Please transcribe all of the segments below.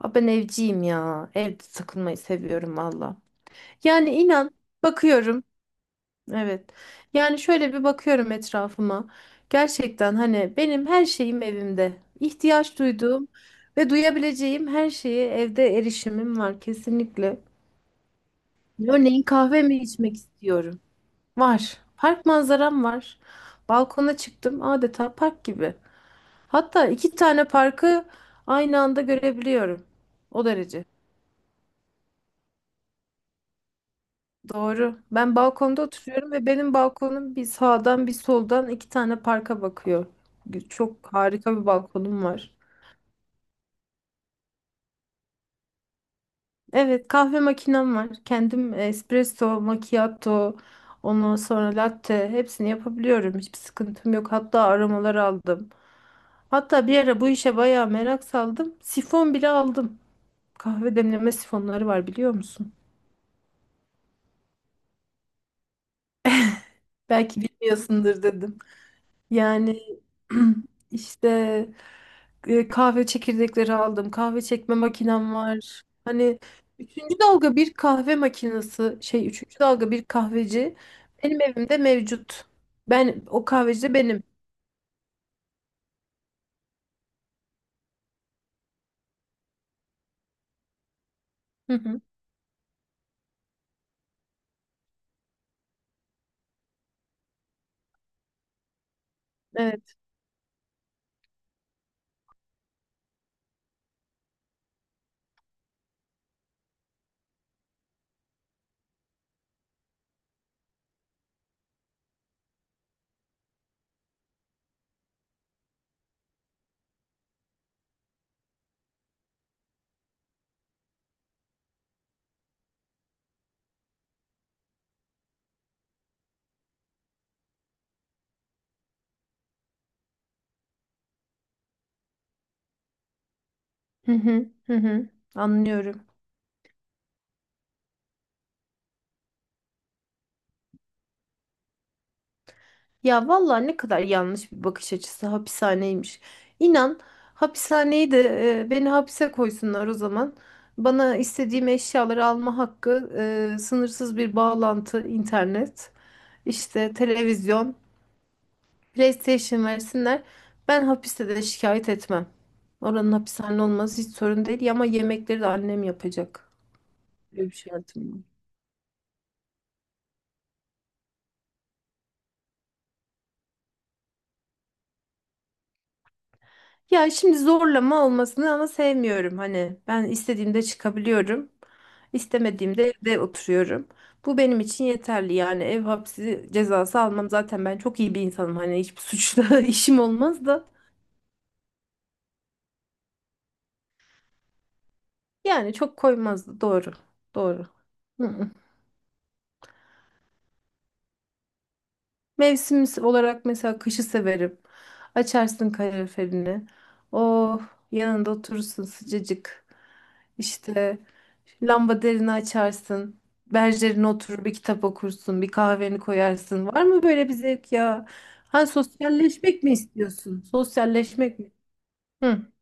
Ben evciyim ya. Evde takılmayı seviyorum valla. Yani inan bakıyorum. Evet. Yani şöyle bir bakıyorum etrafıma. Gerçekten hani benim her şeyim evimde. İhtiyaç duyduğum ve duyabileceğim her şeye evde erişimim var kesinlikle. Örneğin kahve mi içmek istiyorum? Var. Park manzaram var. Balkona çıktım adeta park gibi. Hatta iki tane parkı aynı anda görebiliyorum. O derece. Doğru. Ben balkonda oturuyorum ve benim balkonum bir sağdan bir soldan iki tane parka bakıyor. Çok harika bir balkonum var. Evet, kahve makinem var. Kendim espresso, macchiato, ondan sonra latte hepsini yapabiliyorum. Hiçbir sıkıntım yok. Hatta aromalar aldım. Hatta bir ara bu işe bayağı merak saldım. Sifon bile aldım. Kahve demleme sifonları var biliyor musun? Belki bilmiyorsundur dedim. Yani işte kahve çekirdekleri aldım. Kahve çekme makinem var. Hani üçüncü dalga bir kahve makinesi üçüncü dalga bir kahveci benim evimde mevcut. Ben o kahveci de benim. Hı hı. Evet. Hı hı. Hı hı. Anlıyorum. Ya vallahi ne kadar yanlış bir bakış açısı hapishaneymiş. İnan hapishaneyi de, beni hapse koysunlar o zaman. Bana istediğim eşyaları alma hakkı, sınırsız bir bağlantı, internet, işte televizyon, PlayStation versinler. Ben hapiste de şikayet etmem. Oranın hapishane olması hiç sorun değil ama yemekleri de annem yapacak. Böyle bir şartım var. Ya şimdi zorlama olmasını ama sevmiyorum hani. Ben istediğimde çıkabiliyorum, istemediğimde evde oturuyorum. Bu benim için yeterli yani, ev hapsi cezası almam zaten, ben çok iyi bir insanım, hani hiçbir suçla işim olmaz da yani çok koymazdı, doğru. Doğru. Mevsim olarak mesela kışı severim. Açarsın kaloriferini. Oh, yanında oturursun sıcacık. İşte derini açarsın. Berjerine oturur bir kitap okursun. Bir kahveni koyarsın. Var mı böyle bir zevk ya? Ha, sosyalleşmek mi istiyorsun? Sosyalleşmek mi? Hı.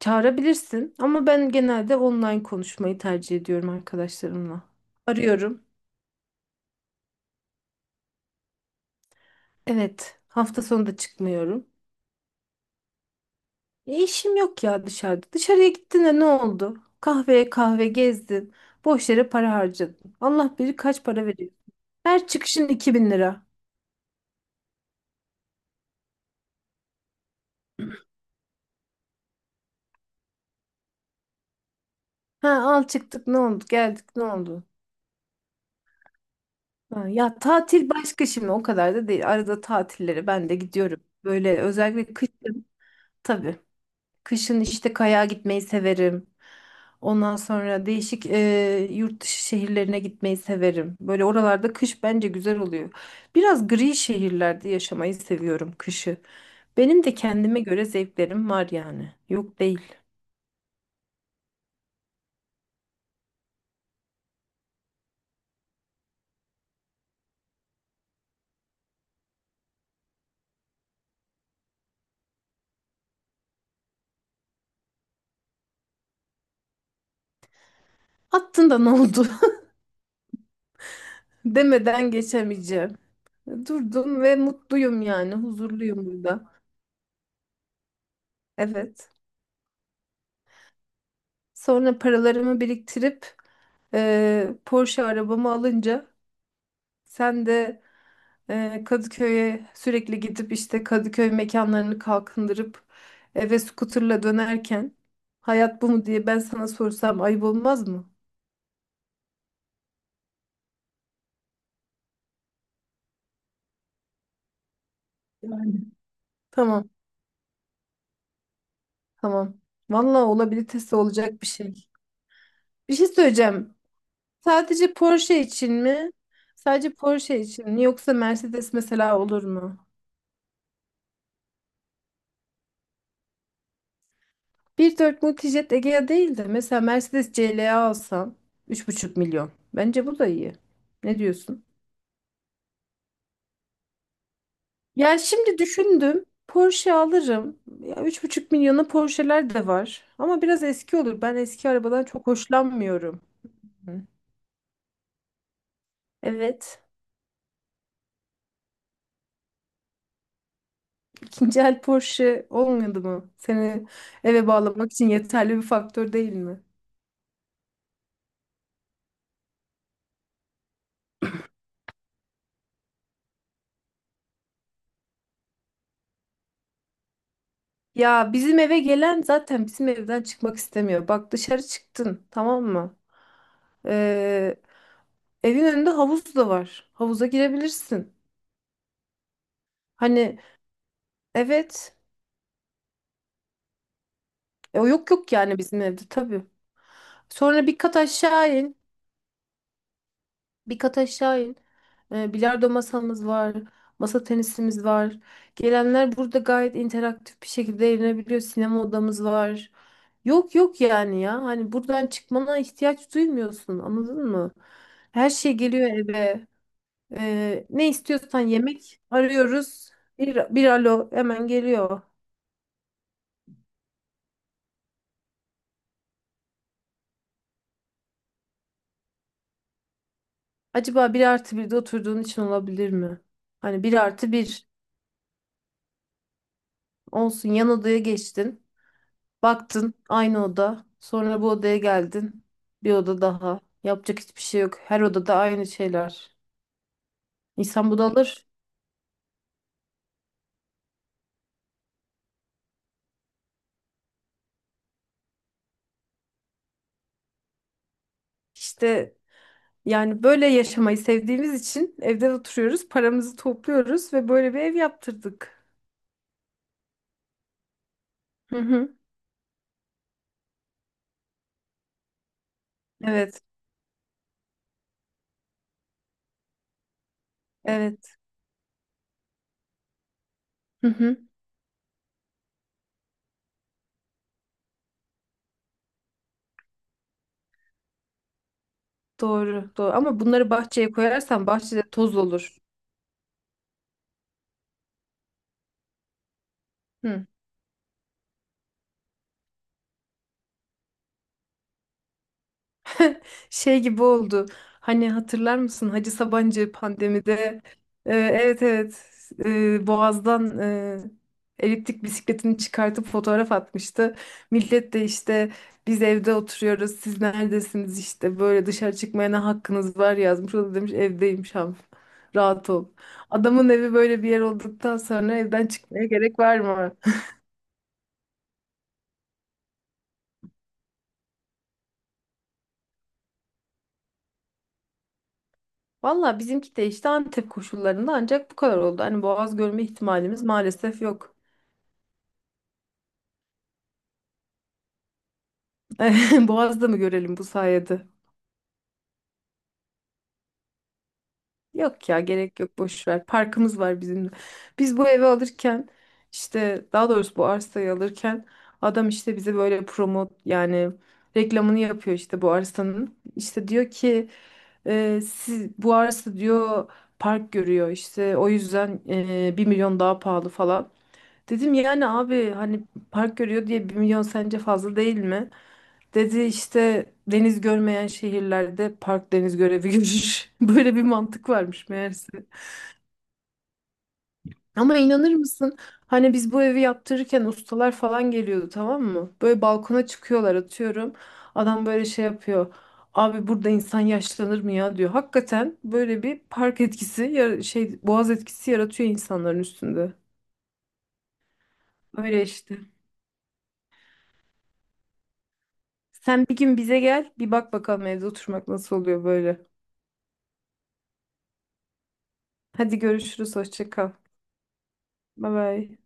Çağırabilirsin ama ben genelde online konuşmayı tercih ediyorum arkadaşlarımla. Arıyorum. Evet, hafta sonu da çıkmıyorum. E, işim yok ya dışarıda. Dışarıya gittin de ne oldu? Kahveye kahve gezdin. Boş yere para harcadın. Allah bilir kaç para veriyor. Her çıkışın 2000 lira. Ha, al çıktık ne oldu? Geldik ne oldu? Ha, ya tatil başka şimdi, o kadar da değil. Arada tatillere ben de gidiyorum. Böyle özellikle kışın tabii. Kışın işte kayağa gitmeyi severim. Ondan sonra değişik yurt dışı şehirlerine gitmeyi severim. Böyle oralarda kış bence güzel oluyor. Biraz gri şehirlerde yaşamayı seviyorum kışı. Benim de kendime göre zevklerim var yani. Yok değil. Attın da ne oldu demeden geçemeyeceğim. Durdum ve mutluyum yani. Huzurluyum burada. Evet. Sonra paralarımı biriktirip Porsche arabamı alınca sen de Kadıköy'e sürekli gidip işte Kadıköy mekanlarını kalkındırıp eve scooter'la dönerken hayat bu mu diye ben sana sorsam ayıp olmaz mı? Yani. Tamam, tamam. Vallahi olabilitesi olacak bir şey. Bir şey söyleyeceğim. Sadece Porsche için mi? Sadece Porsche için mi? Yoksa Mercedes mesela olur mu? 1,4 Multijet Egea değil de mesela Mercedes CLA alsan 3,5 milyon. Bence bu da iyi. Ne diyorsun? Ya şimdi düşündüm. Porsche alırım. Ya 3,5 milyona Porsche'ler de var. Ama biraz eski olur. Ben eski arabadan çok hoşlanmıyorum. Hı. Evet. İkinci el Porsche olmadı mı? Seni eve bağlamak için yeterli bir faktör değil mi? Ya bizim eve gelen zaten bizim evden çıkmak istemiyor. Bak, dışarı çıktın, tamam mı? Ee, Evin önünde havuz da var. Havuza girebilirsin. Hani, evet. Yok yok yani bizim evde tabii. Sonra bir kat aşağı in. Bir kat aşağı in. Bilardo masamız var. Masa tenisimiz var. Gelenler burada gayet interaktif bir şekilde eğlenebiliyor. Sinema odamız var. Yok yok yani ya. Hani buradan çıkmana ihtiyaç duymuyorsun. Anladın mı? Her şey geliyor eve. Ne istiyorsan yemek arıyoruz. Bir alo, hemen geliyor. Acaba 1+1'de oturduğun için olabilir mi? Hani 1+1 olsun, yan odaya geçtin. Baktın, aynı oda. Sonra bu odaya geldin. Bir oda daha. Yapacak hiçbir şey yok. Her odada aynı şeyler. İnsan bunalır. İşte yani böyle yaşamayı sevdiğimiz için evde oturuyoruz, paramızı topluyoruz ve böyle bir ev yaptırdık. Hı hı. Evet, evet. Hı hı. Doğru, doğru. Ama bunları bahçeye koyarsan bahçede toz olur. Hı. Şey gibi oldu. Hani hatırlar mısın, Hacı Sabancı pandemide evet, evet, Boğaz'dan eliptik bisikletini çıkartıp fotoğraf atmıştı. Millet de işte, biz evde oturuyoruz siz neredesiniz, işte böyle dışarı çıkmaya ne hakkınız var yazmış. O da demiş, evdeyim Şam, rahat ol. Adamın evi böyle bir yer olduktan sonra evden çıkmaya gerek var mı? Valla bizimki de işte Antep koşullarında ancak bu kadar oldu. Hani Boğaz görme ihtimalimiz maalesef yok. Boğaz'da mı görelim bu sayede? Yok ya, gerek yok boş ver. Parkımız var bizim de. Biz bu evi alırken, işte daha doğrusu bu arsayı alırken, adam işte bize böyle promo yani reklamını yapıyor işte bu arsanın. İşte diyor ki, siz bu arsa diyor park görüyor, işte o yüzden 1 milyon daha pahalı falan. Dedim yani abi, hani park görüyor diye 1 milyon sence fazla değil mi? Dedi işte, deniz görmeyen şehirlerde park deniz görevi görür. Böyle bir mantık varmış meğerse. Ama inanır mısın? Hani biz bu evi yaptırırken ustalar falan geliyordu, tamam mı? Böyle balkona çıkıyorlar, atıyorum. Adam böyle şey yapıyor. Abi burada insan yaşlanır mı ya, diyor. Hakikaten böyle bir park etkisi boğaz etkisi yaratıyor insanların üstünde. Öyle işte. Sen bir gün bize gel, bir bak bakalım evde oturmak nasıl oluyor böyle. Hadi görüşürüz, hoşça kal. Bye bye.